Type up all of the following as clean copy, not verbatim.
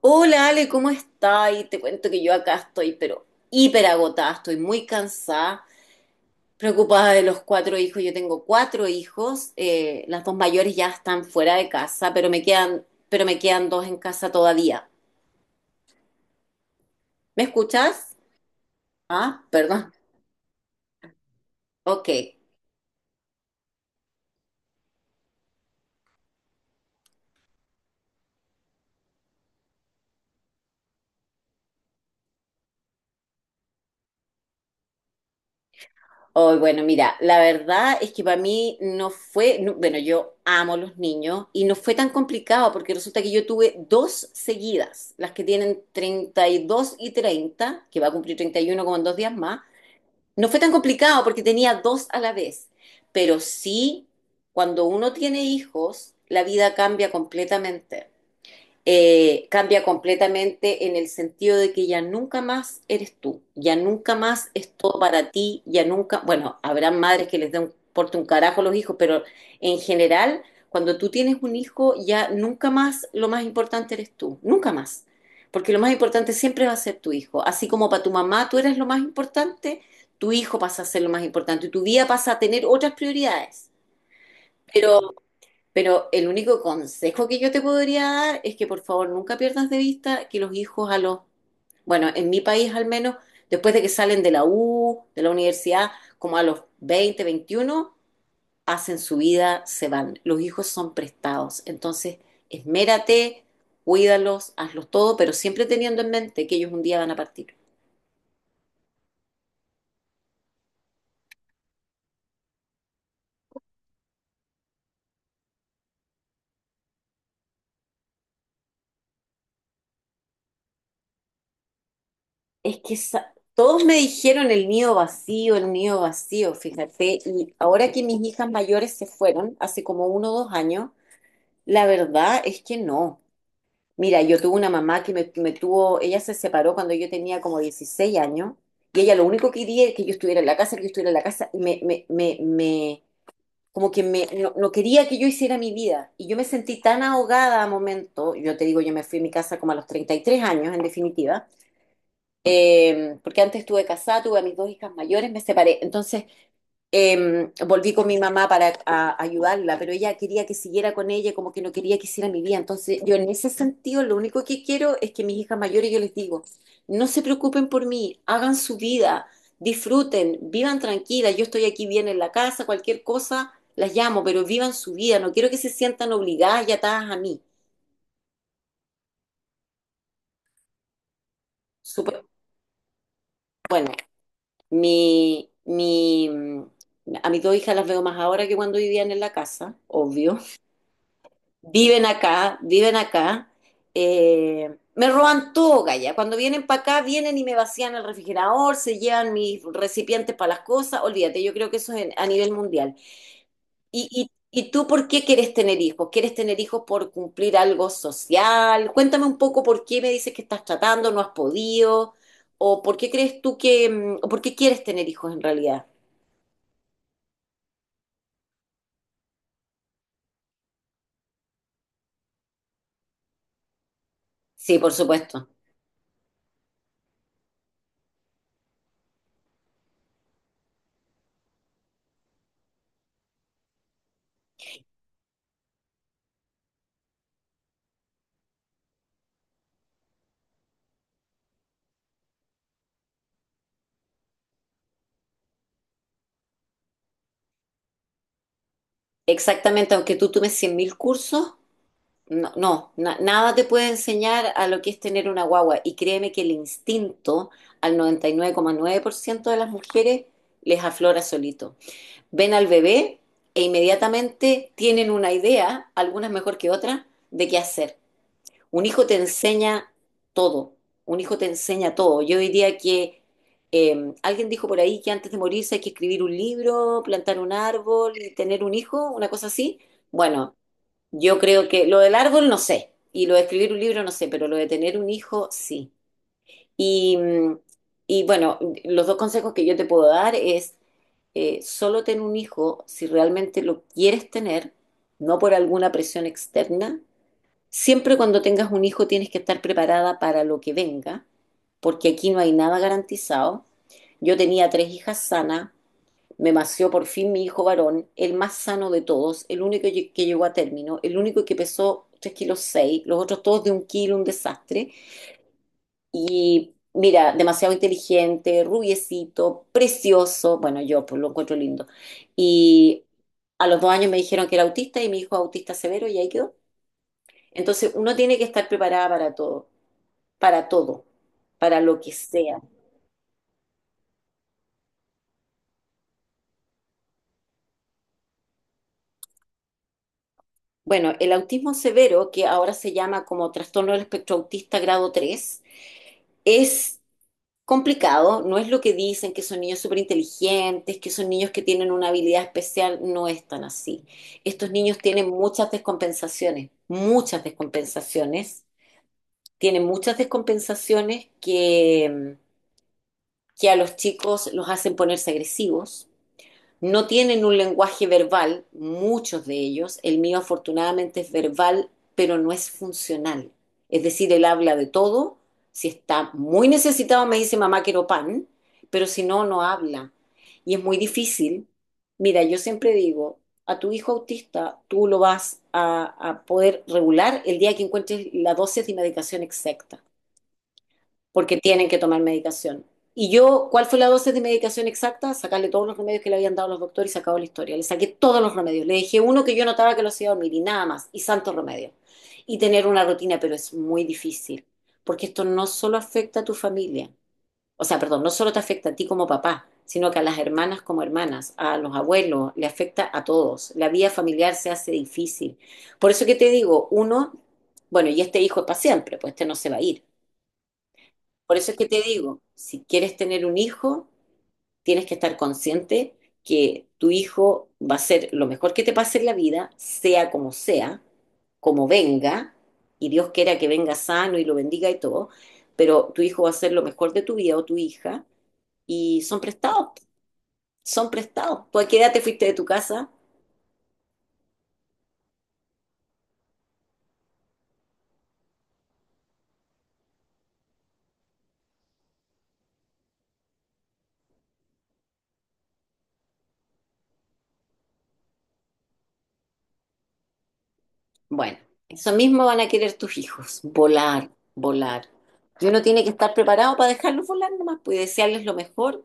Hola Ale, ¿cómo estás? Y te cuento que yo acá estoy, pero hiper agotada, estoy muy cansada, preocupada de los cuatro hijos. Yo tengo cuatro hijos, las dos mayores ya están fuera de casa, pero me quedan dos en casa todavía. ¿Me escuchas? Ah, perdón. Ok. Oh, bueno, mira, la verdad es que para mí no fue, bueno, yo amo los niños y no fue tan complicado porque resulta que yo tuve dos seguidas, las que tienen treinta y dos y treinta que va a cumplir 31 como en 2 días más. No fue tan complicado porque tenía dos a la vez, pero sí, cuando uno tiene hijos, la vida cambia completamente. Cambia completamente en el sentido de que ya nunca más eres tú, ya nunca más es todo para ti, ya nunca, bueno, habrá madres que les den porte un carajo a los hijos, pero en general, cuando tú tienes un hijo, ya nunca más lo más importante eres tú, nunca más, porque lo más importante siempre va a ser tu hijo, así como para tu mamá tú eres lo más importante, tu hijo pasa a ser lo más importante y tu vida pasa a tener otras prioridades. Pero pero el único consejo que yo te podría dar es que por favor nunca pierdas de vista que los hijos bueno, en mi país al menos, después de que salen de la U, de la universidad, como a los 20, 21, hacen su vida, se van. Los hijos son prestados. Entonces, esmérate, cuídalos, hazlos todo, pero siempre teniendo en mente que ellos un día van a partir. Es que todos me dijeron el nido vacío, fíjate, y ahora que mis hijas mayores se fueron, hace como 1 o 2 años, la verdad es que no. Mira, yo tuve una mamá que me tuvo, ella se separó cuando yo tenía como 16 años, y ella lo único que quería es que yo estuviera en la casa, que yo estuviera en la casa, y como que no, no quería que yo hiciera mi vida, y yo me sentí tan ahogada a momento, yo te digo, yo me fui a mi casa como a los 33 años, en definitiva. Porque antes estuve casada, tuve a mis dos hijas mayores, me separé. Entonces volví con mi mamá para ayudarla, pero ella quería que siguiera con ella, como que no quería que hiciera mi vida. Entonces yo en ese sentido lo único que quiero es que mis hijas mayores, yo les digo, no se preocupen por mí, hagan su vida, disfruten, vivan tranquilas, yo estoy aquí bien en la casa, cualquier cosa, las llamo, pero vivan su vida, no quiero que se sientan obligadas y atadas a mí. Súper bueno. Mi, mi, mm, a mis dos hijas las veo más ahora que cuando vivían en la casa, obvio. Viven acá, viven acá. Me roban todo, Gaya. Cuando vienen para acá, vienen y me vacían el refrigerador, se llevan mis recipientes para las cosas. Olvídate, yo creo que eso es a nivel mundial. ¿Y, y, y tú por qué quieres tener hijos? ¿Quieres tener hijos por cumplir algo social? Cuéntame un poco por qué me dices que estás tratando, no has podido, o por qué crees tú o por qué quieres tener hijos en realidad. Sí, por supuesto. Exactamente, aunque tú tomes 100.000 cursos, nada te puede enseñar a lo que es tener una guagua. Y créeme que el instinto al noventa y nueve coma nueve por ciento de las mujeres les aflora solito. Ven al bebé e inmediatamente tienen una idea, algunas mejor que otras, de qué hacer. Un hijo te enseña todo, un hijo te enseña todo. Yo diría que alguien dijo por ahí que antes de morirse hay que escribir un libro, plantar un árbol y tener un hijo, una cosa así. Bueno, yo creo que lo del árbol no sé, y lo de escribir un libro no sé, pero lo de tener un hijo sí. Y, mm, y bueno, los dos consejos que yo te puedo dar es solo ten un hijo si realmente lo quieres tener, no por alguna presión externa. Siempre cuando tengas un hijo tienes que estar preparada para lo que venga, porque aquí no hay nada garantizado. Yo tenía tres hijas sanas, me nació por fin mi hijo varón, el más sano de todos, el único que llegó a término, el único que pesó 3 kilos 6, los otros todos de un kilo, un desastre. Y mira, demasiado inteligente, rubiecito, precioso, bueno, yo pues lo encuentro lindo. Y a los 2 años me dijeron que era autista y mi hijo es autista severo y ahí quedó. Entonces uno tiene que estar preparada para todo, para todo, para lo que sea. Bueno, el autismo severo, que ahora se llama como trastorno del espectro autista grado tres, es complicado, no es lo que dicen, que son niños súper inteligentes, que son niños que tienen una habilidad especial, no es tan así. Estos niños tienen muchas descompensaciones, tienen muchas descompensaciones que a los chicos los hacen ponerse agresivos, no tienen un lenguaje verbal, muchos de ellos, el mío afortunadamente es verbal, pero no es funcional. Es decir, él habla de todo, si está muy necesitado me dice mamá quiero pan, pero si no, no habla. Y es muy difícil. Mira, yo siempre digo, a tu hijo autista tú lo vas a poder regular el día que encuentres la dosis de medicación exacta porque tienen que tomar medicación. Y yo, ¿cuál fue la dosis de medicación exacta? Sacarle todos los remedios que le habían dado los doctores y se acabó la historia. Le saqué todos los remedios. Le dejé uno que yo notaba que lo hacía dormir y nada más. Y santo remedio. Y tener una rutina, pero es muy difícil. Porque esto no solo afecta a tu familia. O sea, perdón, no solo te afecta a ti como papá, sino que a las hermanas como hermanas, a los abuelos, le afecta a todos. La vida familiar se hace difícil. Por eso que te digo, uno, bueno, y este hijo es para siempre, pues este no se va a ir. Por eso es que te digo, si quieres tener un hijo, tienes que estar consciente que tu hijo va a ser lo mejor que te pase en la vida, sea, como venga, y Dios quiera que venga sano y lo bendiga y todo, pero tu hijo va a ser lo mejor de tu vida o tu hija, y son prestados, son prestados. ¿Tú a qué edad te fuiste de tu casa? Bueno, eso mismo van a querer tus hijos, volar, volar. Y uno tiene que estar preparado para dejarlos volar nomás, pues y desearles lo mejor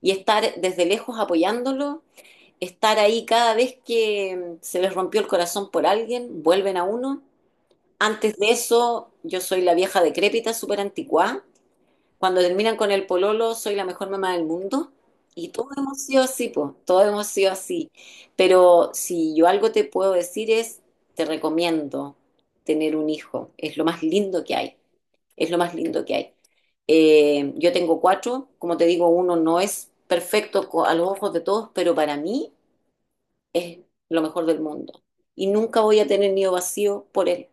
y estar desde lejos apoyándolo, estar ahí cada vez que se les rompió el corazón por alguien, vuelven a uno. Antes de eso, yo soy la vieja decrépita, súper anticuada, cuando terminan con el pololo, soy la mejor mamá del mundo. Y todos hemos sido así, po, todos hemos sido así. Pero si yo algo te puedo decir es, te recomiendo tener un hijo. Es lo más lindo que hay. Es lo más lindo que hay. Yo tengo cuatro, como te digo, uno no es perfecto a los ojos de todos, pero para mí es lo mejor del mundo. Y nunca voy a tener nido vacío por él,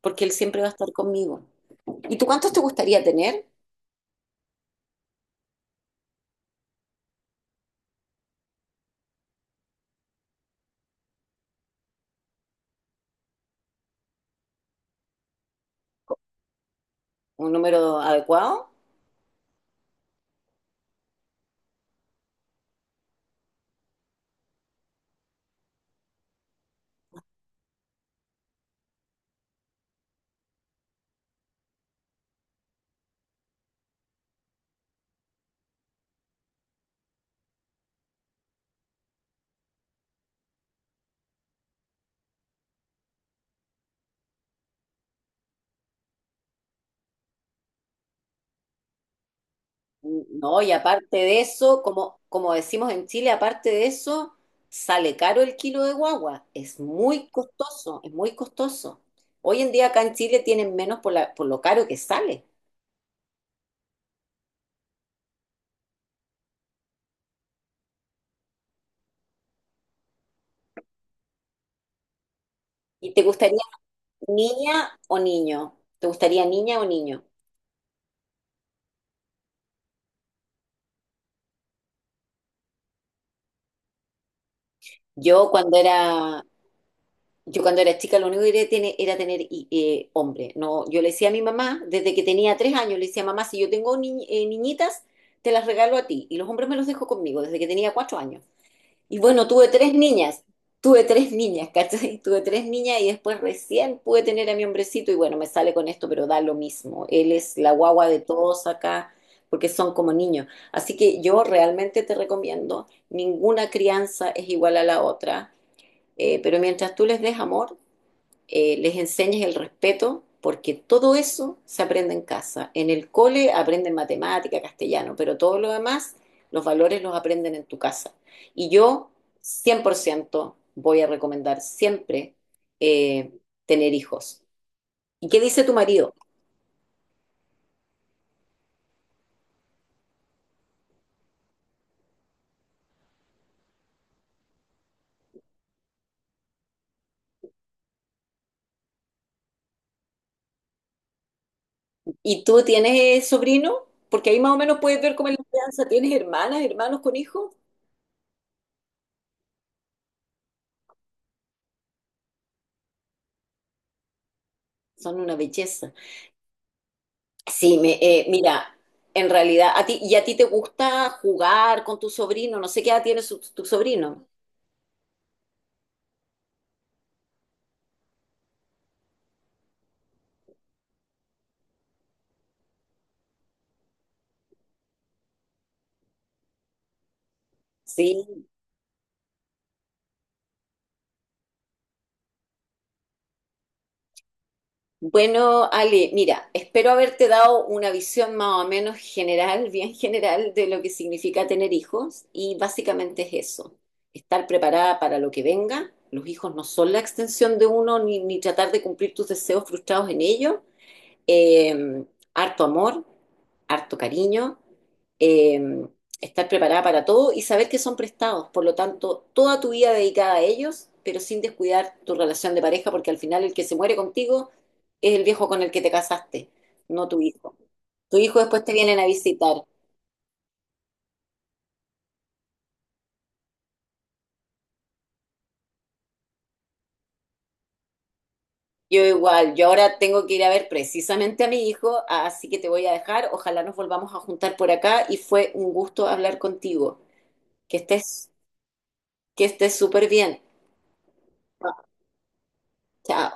porque él siempre va a estar conmigo. ¿Y tú cuántos te gustaría tener? ¿Un número adecuado? No, y aparte de eso, como decimos en Chile, aparte de eso, sale caro el kilo de guagua. Es muy costoso, es muy costoso. Hoy en día acá en Chile tienen menos por lo caro que sale. ¿Y te gustaría niña o niño? ¿Te gustaría niña o niño? Yo cuando era, yo cuando era chica lo único que quería era tener hombre. No, yo le decía a mi mamá, desde que tenía 3 años, le decía, mamá, si yo tengo niñitas, te las regalo a ti. Y los hombres me los dejo conmigo desde que tenía 4 años. Y bueno, tuve tres niñas, ¿cachai? Tuve tres niñas y después recién pude tener a mi hombrecito y bueno, me sale con esto, pero da lo mismo. Él es la guagua de todos acá porque son como niños. Así que yo realmente te recomiendo, ninguna crianza es igual a la otra, pero mientras tú les des amor, les enseñes el respeto, porque todo eso se aprende en casa. En el cole aprenden matemática, castellano, pero todo lo demás, los valores los aprenden en tu casa. Y yo 100%, voy a recomendar siempre eh, tener hijos. ¿Y qué dice tu marido? ¿Y tú tienes sobrino? Porque ahí más o menos puedes ver cómo es la crianza. ¿Tienes hermanas, hermanos con hijos? Son una belleza. Sí, mira, en realidad, ¿y a ti te gusta jugar con tu sobrino? No sé qué edad tiene tu sobrino. Sí. Bueno, Ale, mira, espero haberte dado una visión más o menos general, bien general, de lo que significa tener hijos y básicamente es eso, estar preparada para lo que venga. Los hijos no son la extensión de uno, ni tratar de cumplir tus deseos frustrados en ellos, eh, harto amor, harto cariño, eh, estar preparada para todo y saber que son prestados. Por lo tanto, toda tu vida dedicada a ellos, pero sin descuidar tu relación de pareja, porque al final el que se muere contigo es el viejo con el que te casaste, no tu hijo. Tu hijo después te vienen a visitar. Yo igual, yo ahora tengo que ir a ver precisamente a mi hijo, así que te voy a dejar. Ojalá nos volvamos a juntar por acá y fue un gusto hablar contigo. Que estés, que estés súper bien. Chao.